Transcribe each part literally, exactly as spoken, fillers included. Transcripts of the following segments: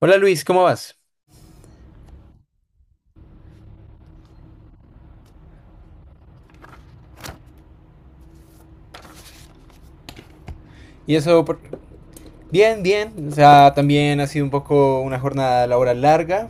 Hola Luis, ¿cómo vas? Y eso, por- bien, bien. O sea, también ha sido un poco una jornada laboral larga,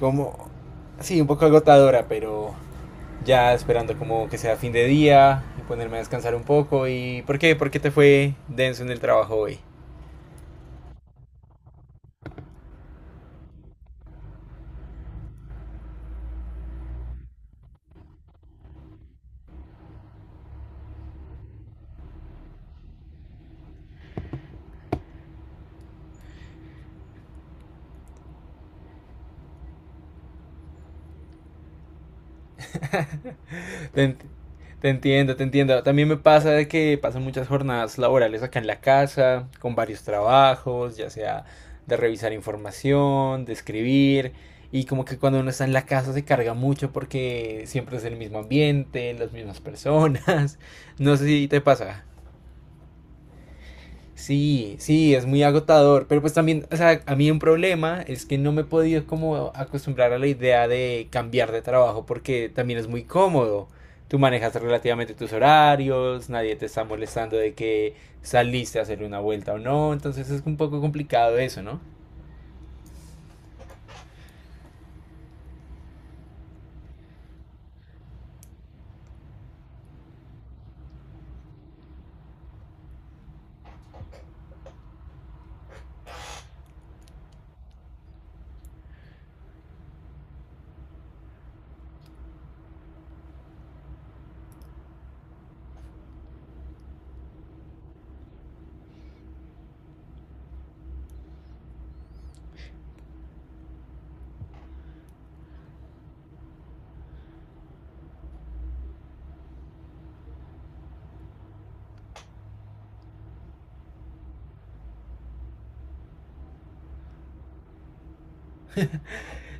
como, sí, un poco agotadora, pero ya esperando como que sea fin de día y ponerme a descansar un poco. ¿Y por qué? ¿Por qué te fue denso en el trabajo hoy? Te, ent- te entiendo, te entiendo. También me pasa de que pasan muchas jornadas laborales acá en la casa, con varios trabajos, ya sea de revisar información, de escribir, y como que cuando uno está en la casa se carga mucho porque siempre es el mismo ambiente, las mismas personas. No sé si te pasa. Sí, sí, es muy agotador, pero pues también, o sea, a mí un problema es que no me he podido como acostumbrar a la idea de cambiar de trabajo porque también es muy cómodo. Tú manejas relativamente tus horarios, nadie te está molestando de que saliste a hacer una vuelta o no, entonces es un poco complicado eso, ¿no?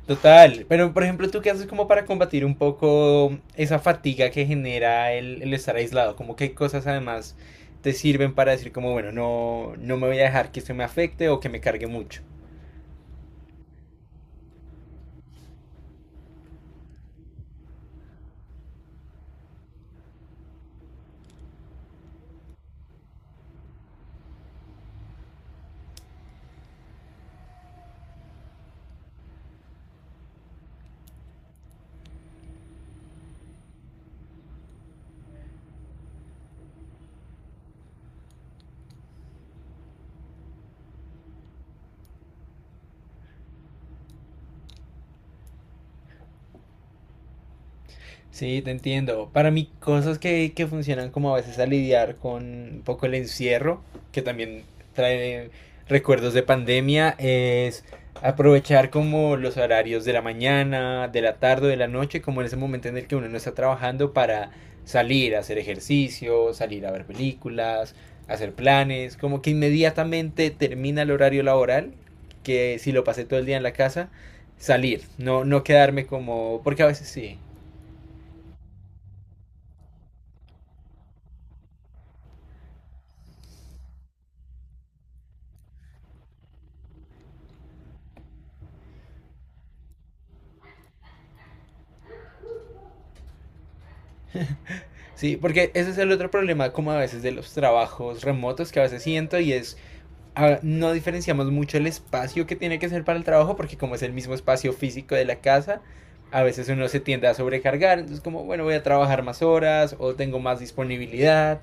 Total, pero por ejemplo, ¿tú qué haces como para combatir un poco esa fatiga que genera el, el estar aislado? ¿Como qué cosas además te sirven para decir como, bueno, no, no me voy a dejar que esto me afecte o que me cargue mucho? Sí, te entiendo. Para mí, cosas que, que funcionan como a veces a lidiar con un poco el encierro, que también trae recuerdos de pandemia, es aprovechar como los horarios de la mañana, de la tarde o de la noche, como en ese momento en el que uno no está trabajando para salir a hacer ejercicio, salir a ver películas, hacer planes, como que inmediatamente termina el horario laboral, que si lo pasé todo el día en la casa, salir, no, no quedarme como, porque a veces sí. Sí, porque ese es el otro problema, como a veces de los trabajos remotos que a veces siento y es, ah, no diferenciamos mucho el espacio que tiene que ser para el trabajo, porque como es el mismo espacio físico de la casa, a veces uno se tiende a sobrecargar, entonces como, bueno, voy a trabajar más horas o tengo más disponibilidad.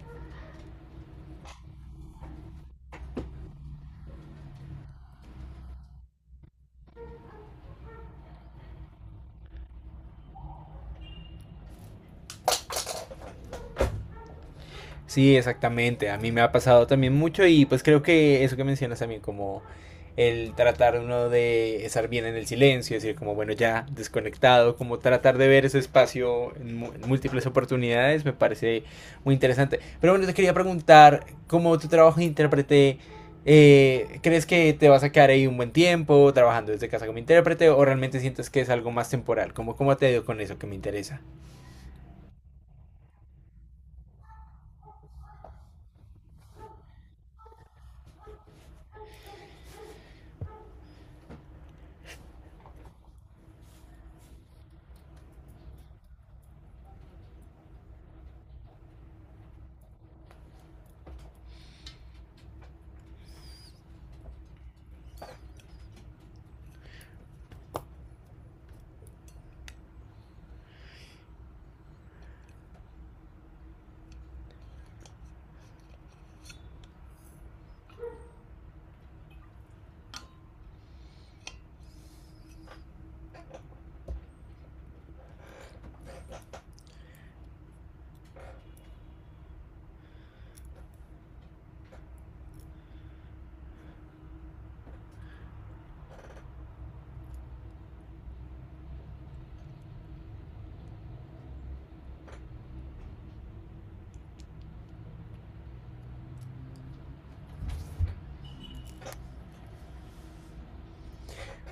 Sí, exactamente. A mí me ha pasado también mucho y pues creo que eso que mencionas también como el tratar uno de estar bien en el silencio, decir como bueno ya desconectado, como tratar de ver ese espacio en mu- en múltiples oportunidades me parece muy interesante. Pero bueno, te quería preguntar, ¿cómo tu trabajo de intérprete, eh, crees que te vas a quedar ahí un buen tiempo trabajando desde casa como intérprete o realmente sientes que es algo más temporal? ¿Cómo, cómo te ha ido con eso que me interesa?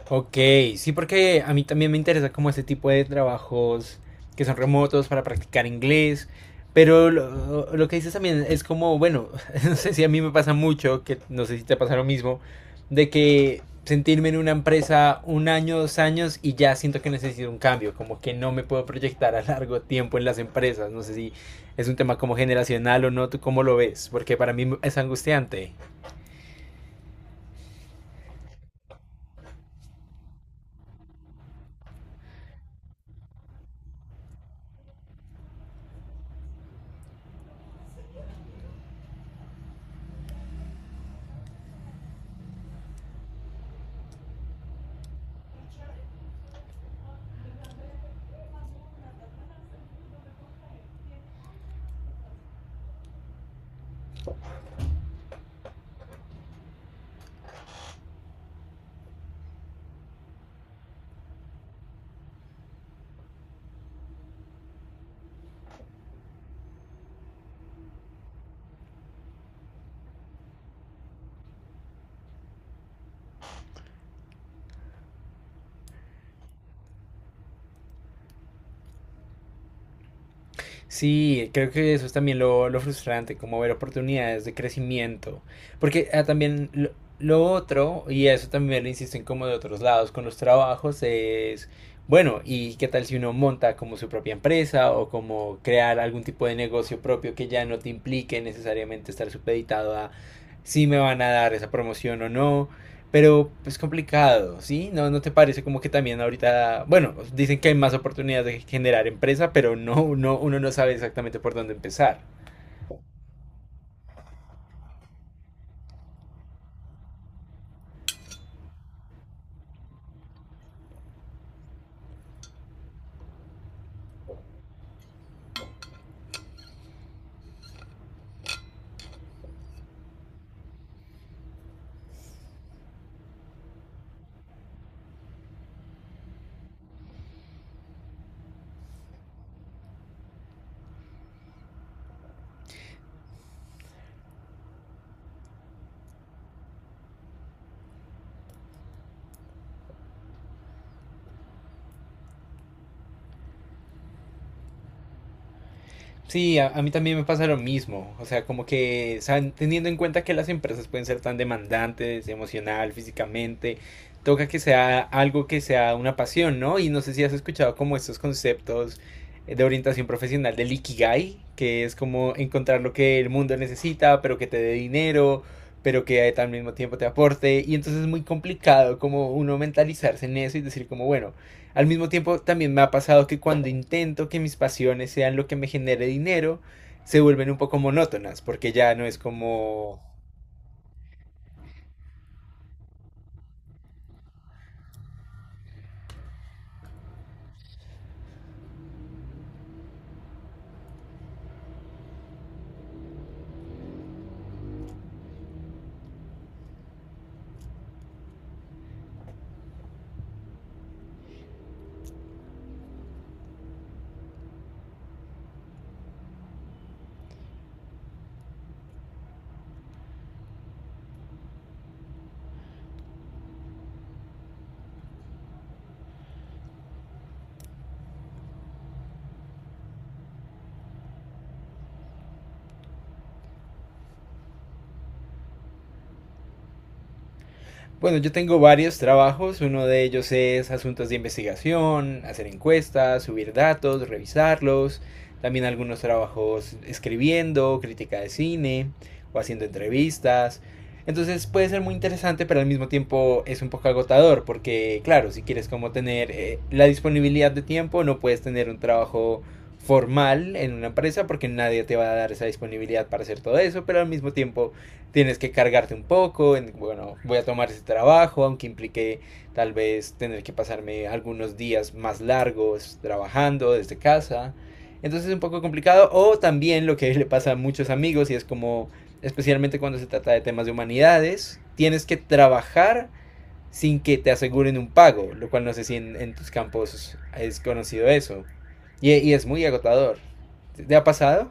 Ok, sí, porque a mí también me interesa como este tipo de trabajos que son remotos para practicar inglés, pero lo, lo que dices también es como, bueno, no sé si a mí me pasa mucho, que no sé si te pasa lo mismo, de que sentirme en una empresa un año, dos años y ya siento que necesito un cambio, como que no me puedo proyectar a largo tiempo en las empresas, no sé si es un tema como generacional o no, ¿tú cómo lo ves? Porque para mí es angustiante. Sí, creo que eso es también lo, lo frustrante, como ver oportunidades de crecimiento. Porque ah, también lo, lo otro, y eso también lo insisten como de otros lados con los trabajos, es, bueno, ¿y qué tal si uno monta como su propia empresa o como crear algún tipo de negocio propio que ya no te implique necesariamente estar supeditado a si me van a dar esa promoción o no? Pero es complicado, ¿sí? ¿No, no te parece como que también ahorita, bueno, dicen que hay más oportunidades de generar empresa, pero no, no uno no sabe exactamente por dónde empezar? Sí, a, a mí también me pasa lo mismo. O sea, como que, o teniendo en cuenta que las empresas pueden ser tan demandantes, emocional, físicamente, toca que sea algo que sea una pasión, ¿no? Y no sé si has escuchado como estos conceptos eh, de orientación profesional del Ikigai, que es como encontrar lo que el mundo necesita, pero que te dé dinero, pero que eh, al mismo tiempo te aporte. Y entonces es muy complicado como uno mentalizarse en eso y decir como, bueno, al mismo tiempo, también me ha pasado que cuando intento que mis pasiones sean lo que me genere dinero, se vuelven un poco monótonas, porque ya no es como bueno, yo tengo varios trabajos, uno de ellos es asuntos de investigación, hacer encuestas, subir datos, revisarlos, también algunos trabajos escribiendo, crítica de cine o haciendo entrevistas. Entonces puede ser muy interesante, pero al mismo tiempo es un poco agotador, porque claro, si quieres como tener eh, la disponibilidad de tiempo, no puedes tener un trabajo formal en una empresa porque nadie te va a dar esa disponibilidad para hacer todo eso, pero al mismo tiempo tienes que cargarte un poco, en, bueno, voy a tomar ese trabajo, aunque implique tal vez tener que pasarme algunos días más largos trabajando desde casa. Entonces es un poco complicado. O también lo que le pasa a muchos amigos y es como, especialmente cuando se trata de temas de humanidades, tienes que trabajar sin que te aseguren un pago, lo cual no sé si en, en tus campos es conocido eso. Y, y es muy agotador. ¿Te ha pasado?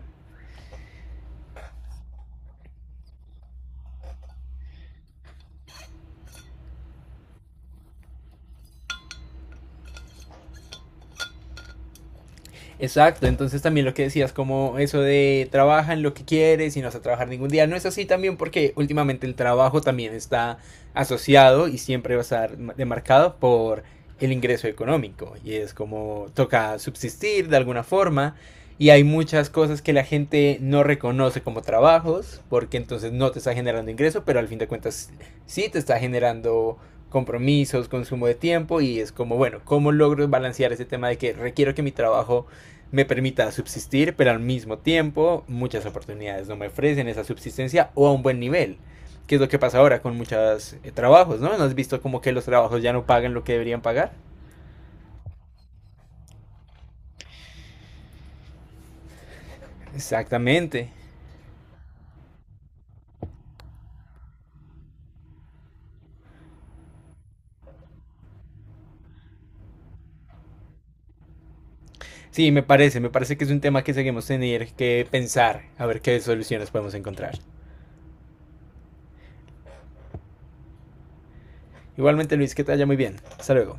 Exacto, entonces también lo que decías como eso de trabaja en lo que quieres y no vas a trabajar ningún día, no es así también porque últimamente el trabajo también está asociado y siempre va a estar demarcado por el ingreso económico y es como toca subsistir de alguna forma y hay muchas cosas que la gente no reconoce como trabajos porque entonces no te está generando ingreso, pero al fin de cuentas sí te está generando compromisos, consumo de tiempo y es como, bueno, ¿cómo logro balancear ese tema de que requiero que mi trabajo me permita subsistir, pero al mismo tiempo muchas oportunidades no me ofrecen esa subsistencia o a un buen nivel? Que es lo que pasa ahora con muchos eh, trabajos, ¿no? ¿No has visto como que los trabajos ya no pagan lo que deberían pagar? Exactamente. Sí, me parece, me parece que es un tema que seguimos tener que pensar, a ver qué soluciones podemos encontrar. Igualmente Luis, que te vaya muy bien. Hasta luego.